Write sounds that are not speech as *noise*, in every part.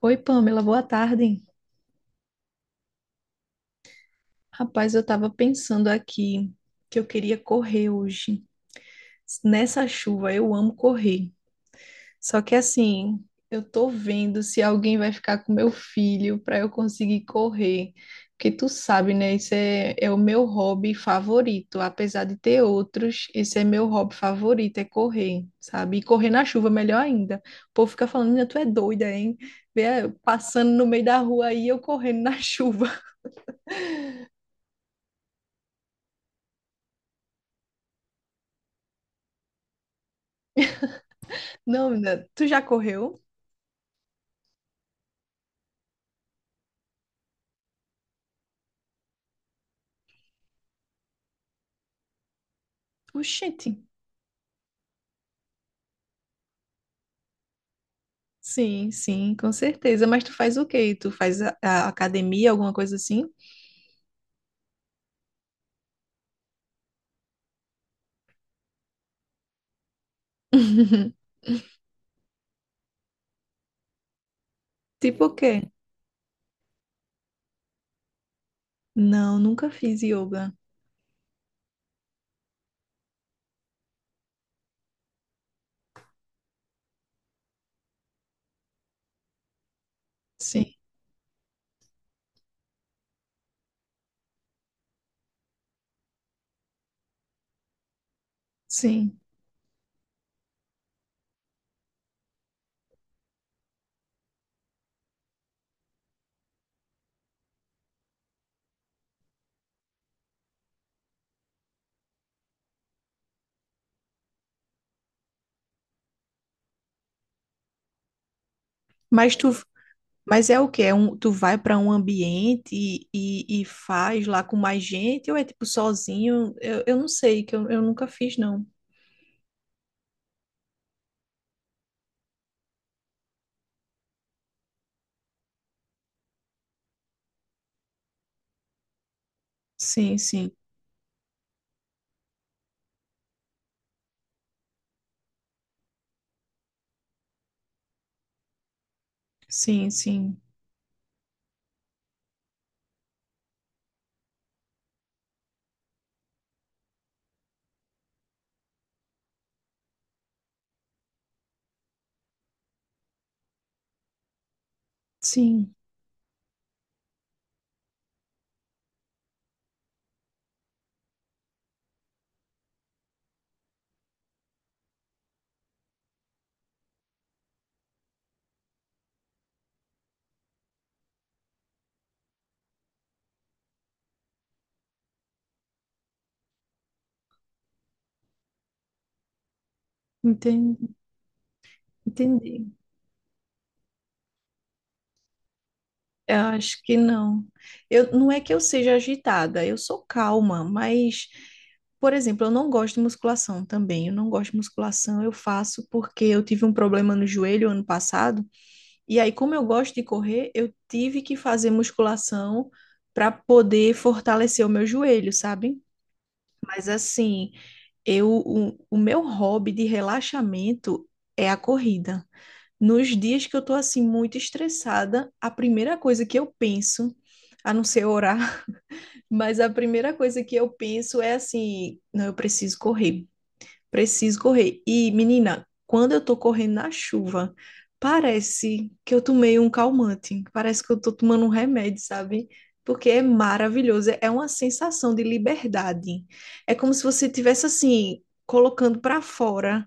Oi, Pamela, boa tarde. Rapaz, eu tava pensando aqui que eu queria correr hoje. Nessa chuva, eu amo correr. Só que assim, eu tô vendo se alguém vai ficar com meu filho para eu conseguir correr. Porque tu sabe, né? Esse é o meu hobby favorito. Apesar de ter outros, esse é meu hobby favorito, é correr, sabe? E correr na chuva, melhor ainda. O povo fica falando, "Nina, tu é doida, hein? Vê, Passando no meio da rua aí, eu correndo na *laughs* chuva. Não, menina, tu já correu? Oxente. Sim, sim, com certeza. Mas tu faz o quê? Tu faz a academia, alguma coisa assim? *laughs* Tipo o quê? Não, nunca fiz yoga. Sim, sim. Mas tu, mas é o quê? É um, tu vai para um ambiente e faz lá com mais gente ou é tipo sozinho? Eu não sei, que eu nunca fiz, não. Sim, sim, sim, sim, sim. Entendi, entendi. Eu acho que não. Eu, não é que eu seja agitada, eu sou calma, mas, por exemplo, eu não gosto de musculação também. Eu não gosto de musculação, eu faço porque eu tive um problema no joelho ano passado, e aí, como eu gosto de correr, eu tive que fazer musculação para poder fortalecer o meu joelho, sabe? Mas assim, o meu hobby de relaxamento é a corrida. Nos dias que eu tô assim muito estressada, a primeira coisa que eu penso, a não ser orar, *laughs* mas a primeira coisa que eu penso é assim, não, eu preciso correr preciso correr. E, menina, quando eu tô correndo na chuva, parece que eu tomei um calmante, parece que eu tô tomando um remédio, sabe? Porque é maravilhoso, é uma sensação de liberdade. É como se você tivesse assim, colocando para fora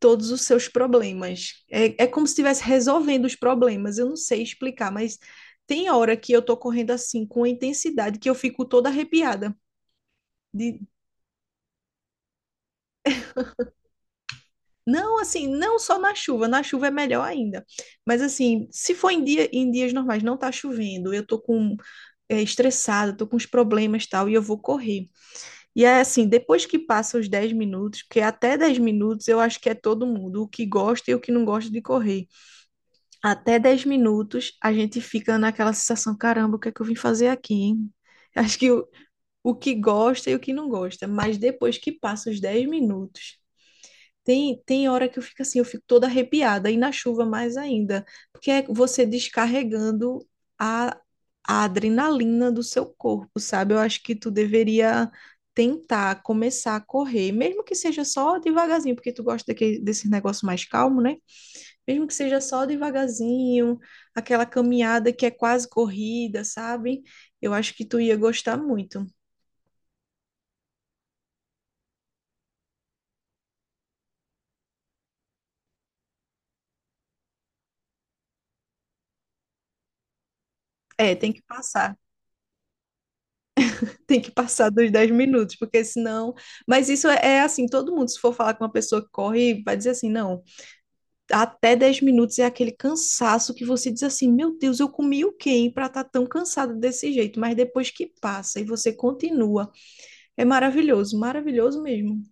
todos os seus problemas. É como se estivesse resolvendo os problemas. Eu não sei explicar, mas tem hora que eu tô correndo assim, com intensidade, que eu fico toda arrepiada de. Não, assim, não só na chuva é melhor ainda. Mas assim, se for em dia, em dias normais, não tá chovendo, eu tô com é, estressada, tô com os problemas e tal, e eu vou correr. E é assim, depois que passa os 10 minutos, porque até 10 minutos eu acho que é todo mundo, o que gosta e o que não gosta de correr. Até 10 minutos a gente fica naquela sensação, caramba, o que é que eu vim fazer aqui, hein? Acho que o que gosta e o que não gosta, mas depois que passa os 10 minutos, tem hora que eu fico assim, eu fico toda arrepiada, e na chuva mais ainda, porque é você descarregando a, a adrenalina do seu corpo, sabe? Eu acho que tu deveria tentar começar a correr, mesmo que seja só devagarzinho, porque tu gosta desse negócio mais calmo, né? Mesmo que seja só devagarzinho, aquela caminhada que é quase corrida, sabe? Eu acho que tu ia gostar muito. É, tem que passar. Tem que passar dos 10 minutos, porque senão. Mas isso é, é assim: todo mundo, se for falar com uma pessoa que corre, vai dizer assim: não, até 10 minutos é aquele cansaço que você diz assim: meu Deus, eu comi o quê para estar tão cansado desse jeito? Mas depois que passa e você continua, é maravilhoso, maravilhoso mesmo.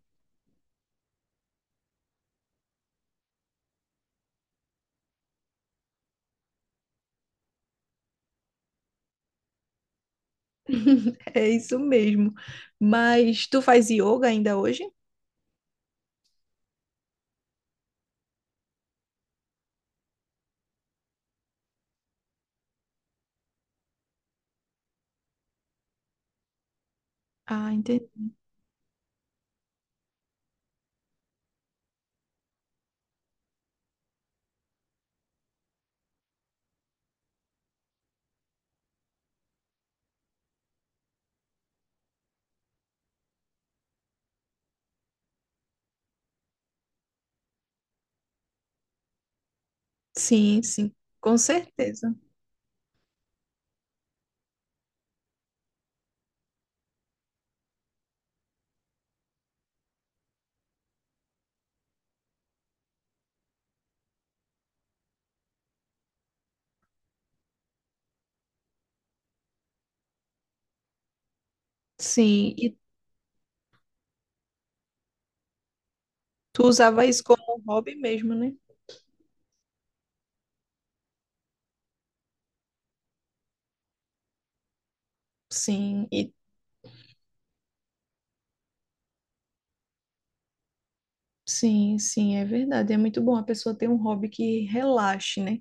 *laughs* É isso mesmo. Mas tu faz yoga ainda hoje? Ah, entendi. Sim, sim, com certeza. Sim, e tu usava isso como hobby mesmo, né? Sim, e Sim, sim, é verdade. É muito bom a pessoa ter um hobby que relaxe, né?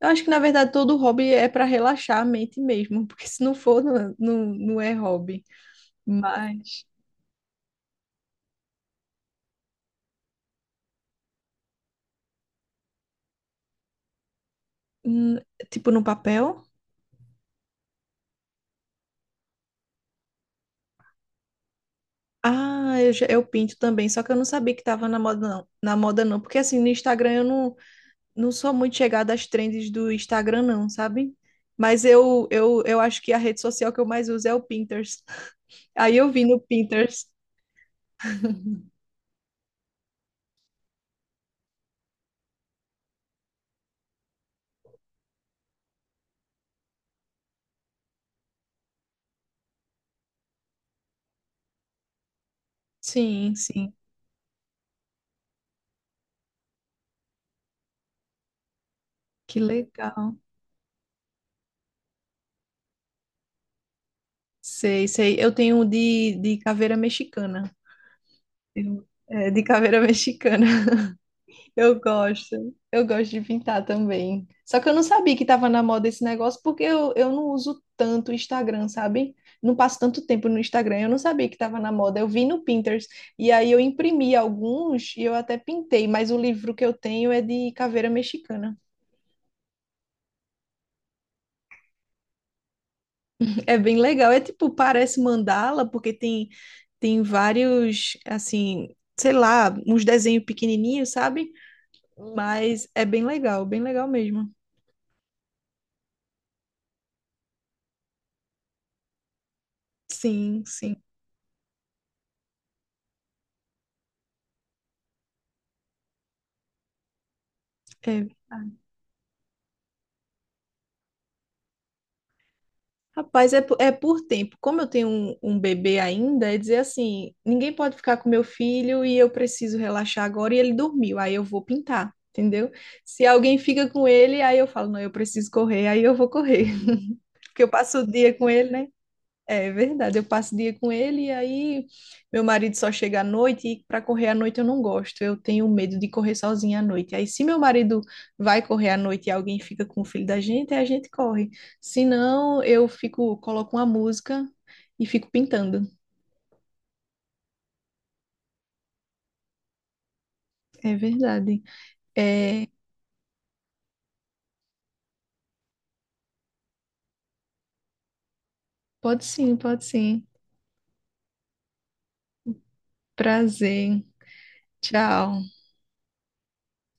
Eu acho que, na verdade, todo hobby é para relaxar a mente mesmo, *laughs* porque se não for, não, não, não é hobby. Mas, hum, tipo, no papel. Ah, eu pinto também, só que eu não sabia que tava na moda, não. Na moda, não. Porque, assim, no Instagram eu não, não sou muito chegada às trends do Instagram, não, sabe? Mas eu acho que a rede social que eu mais uso é o Pinterest. *laughs* Aí eu vi no Pinterest. Sim, sim. Que legal. Sei, sei. Eu tenho um de caveira mexicana. De caveira *laughs* mexicana. Eu gosto. Eu gosto de pintar também. Só que eu não sabia que estava na moda esse negócio, porque eu não uso tanto o Instagram, sabe? Não passo tanto tempo no Instagram. Eu não sabia que estava na moda. Eu vi no Pinterest. E aí eu imprimi alguns e eu até pintei, mas o livro que eu tenho é de caveira mexicana. É bem legal. É tipo, parece mandala, porque tem vários, assim, sei lá, uns desenhos pequenininhos, sabe? Hum. Mas é bem legal mesmo. Sim, sim. É. Rapaz, é por tempo. Como eu tenho um bebê ainda, é dizer assim: ninguém pode ficar com meu filho e eu preciso relaxar agora e ele dormiu, aí eu vou pintar, entendeu? Se alguém fica com ele, aí eu falo: não, eu preciso correr, aí eu vou correr. *laughs* Porque eu passo o dia com ele, né? É verdade, eu passo o dia com ele e aí meu marido só chega à noite e para correr à noite eu não gosto. Eu tenho medo de correr sozinha à noite. Aí se meu marido vai correr à noite e alguém fica com o filho da gente, aí a gente corre. Se não, eu fico, coloco uma música e fico pintando. É verdade. É, pode sim, pode sim. Prazer. Tchau.